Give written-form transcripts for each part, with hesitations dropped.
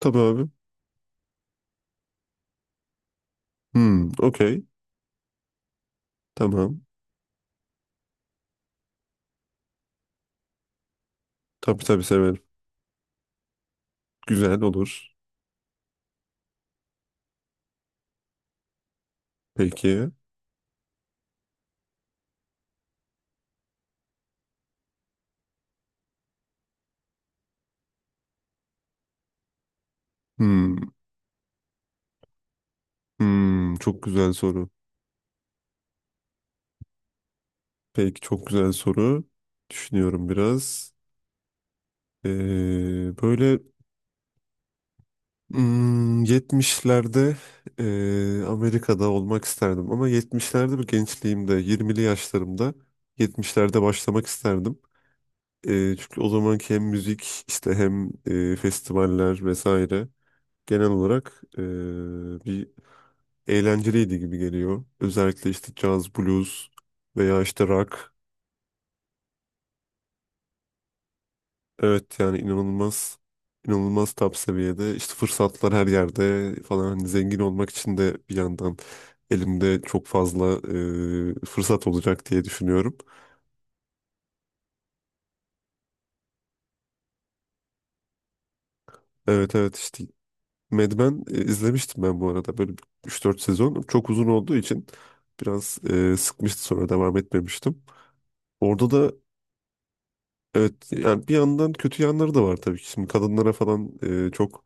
Tabii abi. Okey. Tamam. Tabii tabii severim. Güzel olur. Peki. Hmm, Çok güzel soru. Peki çok güzel soru. Düşünüyorum biraz. Ee, Böyle yetmişlerde Amerika'da olmak isterdim. Ama yetmişlerde bir gençliğimde, yirmili yaşlarımda yetmişlerde başlamak isterdim. Çünkü o zamanki hem müzik işte hem festivaller vesaire genel olarak bir eğlenceliydi gibi geliyor. Özellikle işte caz, blues veya işte rock. Evet, yani inanılmaz top seviyede. İşte fırsatlar her yerde falan. Hani zengin olmak için de bir yandan elimde çok fazla fırsat olacak diye düşünüyorum. Evet evet, işte Mad Men izlemiştim ben bu arada böyle 3 4 sezon. Çok uzun olduğu için biraz sıkmıştı, sonra devam etmemiştim. Orada da evet, yani bir yandan kötü yanları da var tabii ki. Şimdi kadınlara falan çok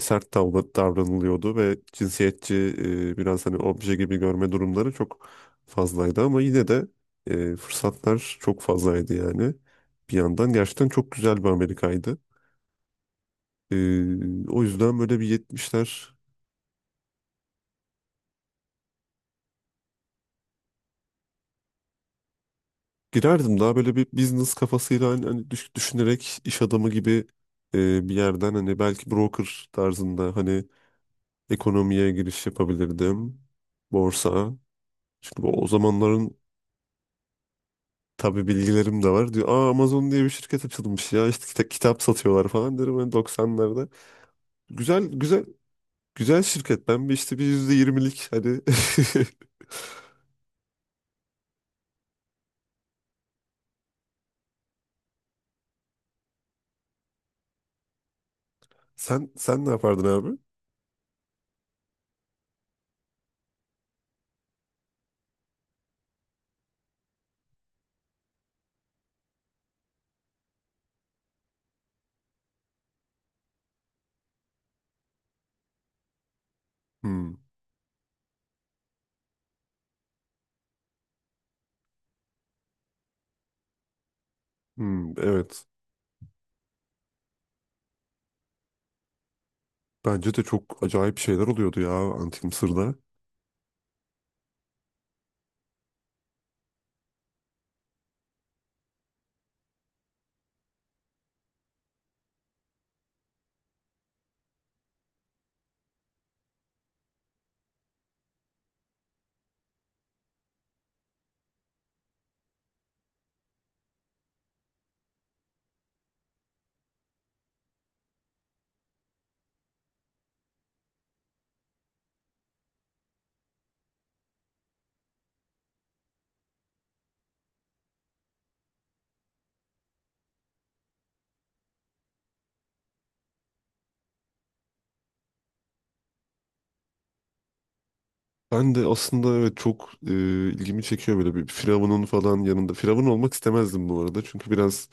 davranılıyordu ve cinsiyetçi, biraz hani obje gibi görme durumları çok fazlaydı, ama yine de fırsatlar çok fazlaydı yani. Bir yandan gerçekten çok güzel bir Amerika'ydı. E, O yüzden böyle bir yetmişler. Girerdim daha böyle bir business kafasıyla, hani, düşünerek, iş adamı gibi, bir yerden hani, belki broker tarzında hani ekonomiye giriş yapabilirdim. Borsa. Çünkü o zamanların tabii bilgilerim de var. Diyor, aa, Amazon diye bir şirket açılmış ya. İşte kitap satıyorlar falan derim ben 90'larda. Güzel güzel, güzel şirket. Ben bir işte bir %20'lik hani, sen ne yapardın abi? Hmm, evet. Bence de çok acayip şeyler oluyordu ya Antik Mısır'da. Ben de aslında, evet, çok ilgimi çekiyor böyle bir Firavun'un falan yanında. Firavun olmak istemezdim bu arada. Çünkü biraz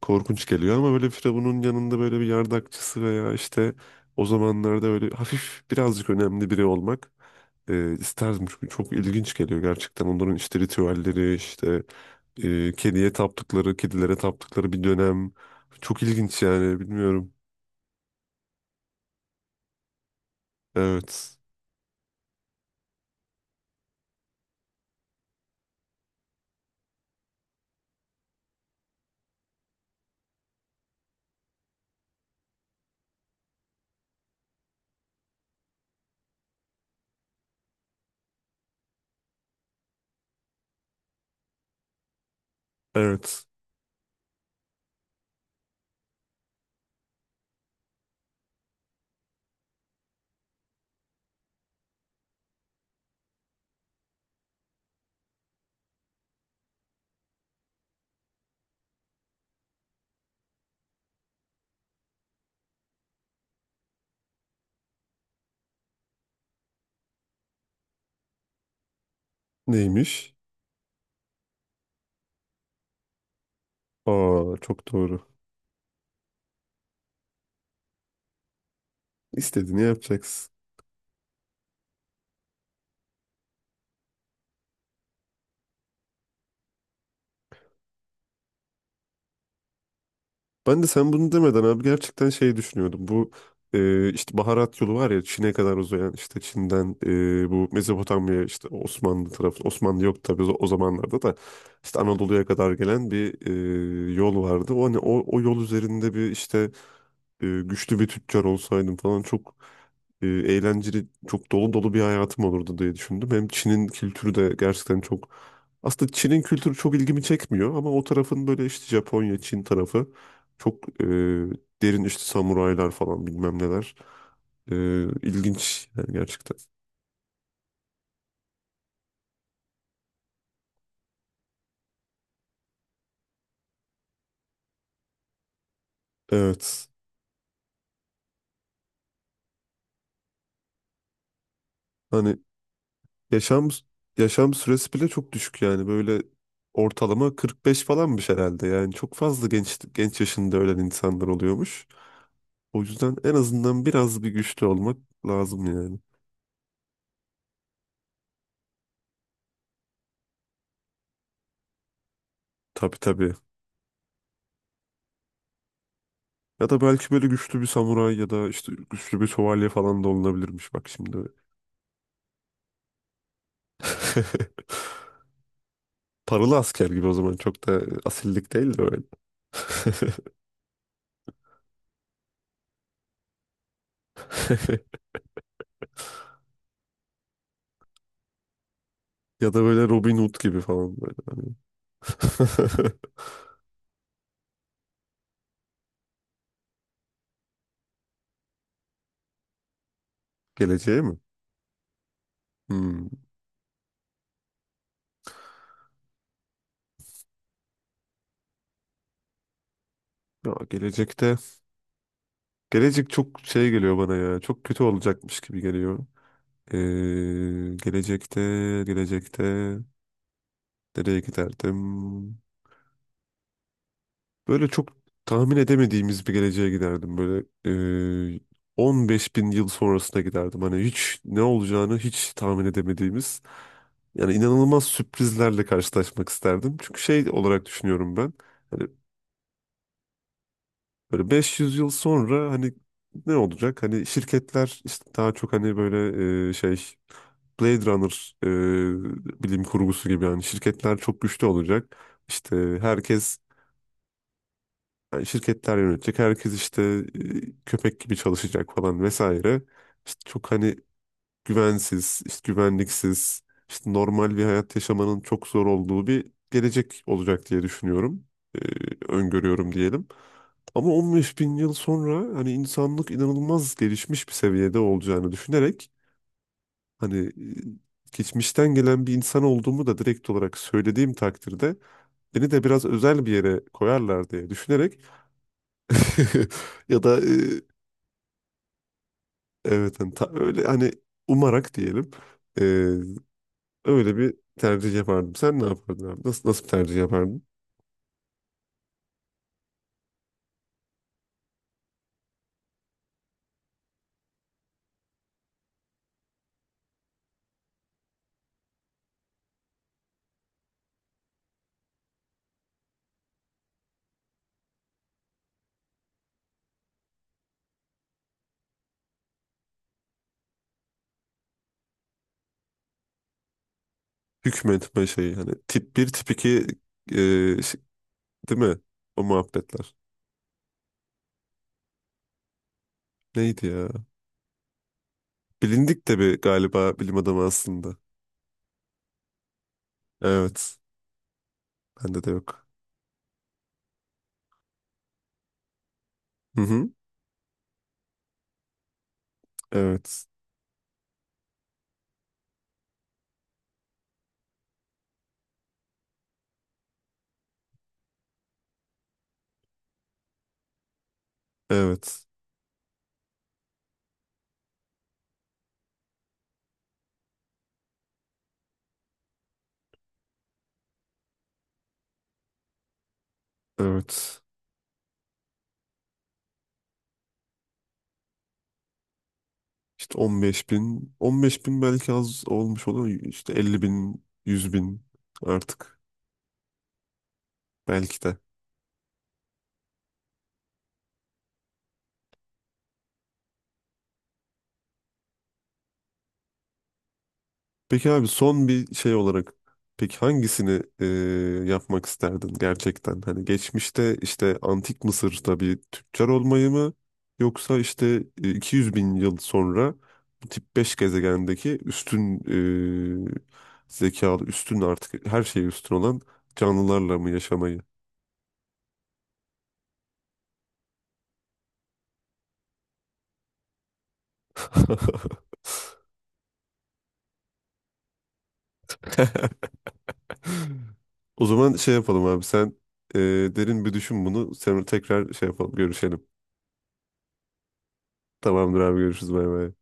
korkunç geliyor, ama böyle Firavun'un yanında böyle bir yardakçısı veya işte o zamanlarda böyle hafif birazcık önemli biri olmak isterdim. Çünkü çok ilginç geliyor gerçekten onların işte ritüelleri, işte kediye taptıkları kedilere taptıkları bir dönem, çok ilginç yani, bilmiyorum. Evet evet, neymiş? Aa, çok doğru. İstediğini yapacaksın. Ben de sen bunu demeden abi gerçekten şey düşünüyordum. Bu, işte baharat yolu var ya, Çin'e kadar uzayan, işte Çin'den, bu Mezopotamya, işte Osmanlı tarafı, Osmanlı yok tabii o o zamanlarda da, işte Anadolu'ya kadar gelen bir, yol vardı. O hani o, o yol üzerinde bir işte güçlü bir tüccar olsaydım falan, çok eğlenceli, çok dolu dolu bir hayatım olurdu diye düşündüm. Hem Çin'in kültürü de gerçekten çok, aslında Çin'in kültürü çok ilgimi çekmiyor, ama o tarafın böyle işte Japonya, Çin tarafı çok derin, işte samuraylar falan bilmem neler. E, ilginç yani gerçekten. Evet. Hani yaşam yaşam süresi bile çok düşük yani, böyle ortalama 45 falanmış herhalde. Yani çok fazla genç, genç yaşında ölen insanlar oluyormuş. O yüzden en azından biraz bir güçlü olmak lazım yani. Tabii tabii. Ya da belki böyle güçlü bir samuray ya da işte güçlü bir şövalye falan da olunabilirmiş bak şimdi. Paralı asker gibi o zaman, çok da asillik değil de öyle. Ya da böyle Robin Hood gibi falan böyle, hani. Geleceğe mi? Hmm. Ya gelecekte, gelecek çok şey geliyor bana ya. Çok kötü olacakmış gibi geliyor. Ee, gelecekte gelecekte nereye giderdim? Böyle çok tahmin edemediğimiz bir geleceğe giderdim. Böyle e, 15 bin yıl sonrasına giderdim. Hani hiç ne olacağını hiç tahmin edemediğimiz. Yani inanılmaz sürprizlerle karşılaşmak isterdim. Çünkü şey olarak düşünüyorum ben. Hani böyle 500 yıl sonra hani ne olacak? Hani şirketler işte daha çok hani böyle, şey, Blade Runner bilim kurgusu gibi, yani şirketler çok güçlü olacak. İşte herkes, yani şirketler yönetecek. Herkes işte köpek gibi çalışacak falan vesaire. İşte çok hani güvensiz, işte güvenliksiz, işte normal bir hayat yaşamanın çok zor olduğu bir gelecek olacak diye düşünüyorum. E, Öngörüyorum diyelim. Ama 15 bin yıl sonra hani insanlık inanılmaz gelişmiş bir seviyede olacağını düşünerek, hani geçmişten gelen bir insan olduğumu da direkt olarak söylediğim takdirde beni de biraz özel bir yere koyarlar diye düşünerek. Ya da evet hani öyle hani umarak diyelim, e, öyle bir tercih yapardım. Sen ne yapardın abi? Nasıl bir tercih yapardın? Hükmetme şeyi hani tip bir, tip 2, e, şey- değil mi? O muhabbetler. Neydi ya? Bilindik de bir galiba bilim adamı aslında. Evet. Bende de yok. Hı hı. Evet. Evet. Evet. İşte 15 bin. 15 bin belki az olmuş olur. İşte 50 bin, 100 bin artık. Belki de. Peki abi, son bir şey olarak, peki hangisini yapmak isterdin gerçekten? Hani geçmişte işte antik Mısır'da bir tüccar olmayı mı, yoksa işte 200 bin yıl sonra bu tip 5 gezegendeki üstün e, zekalı, üstün, artık her şeye üstün olan canlılarla mı yaşamayı? O zaman şey yapalım abi, sen e, derin bir düşün bunu. Sen tekrar şey yapalım, görüşelim. Tamamdır abi, görüşürüz, bay bay.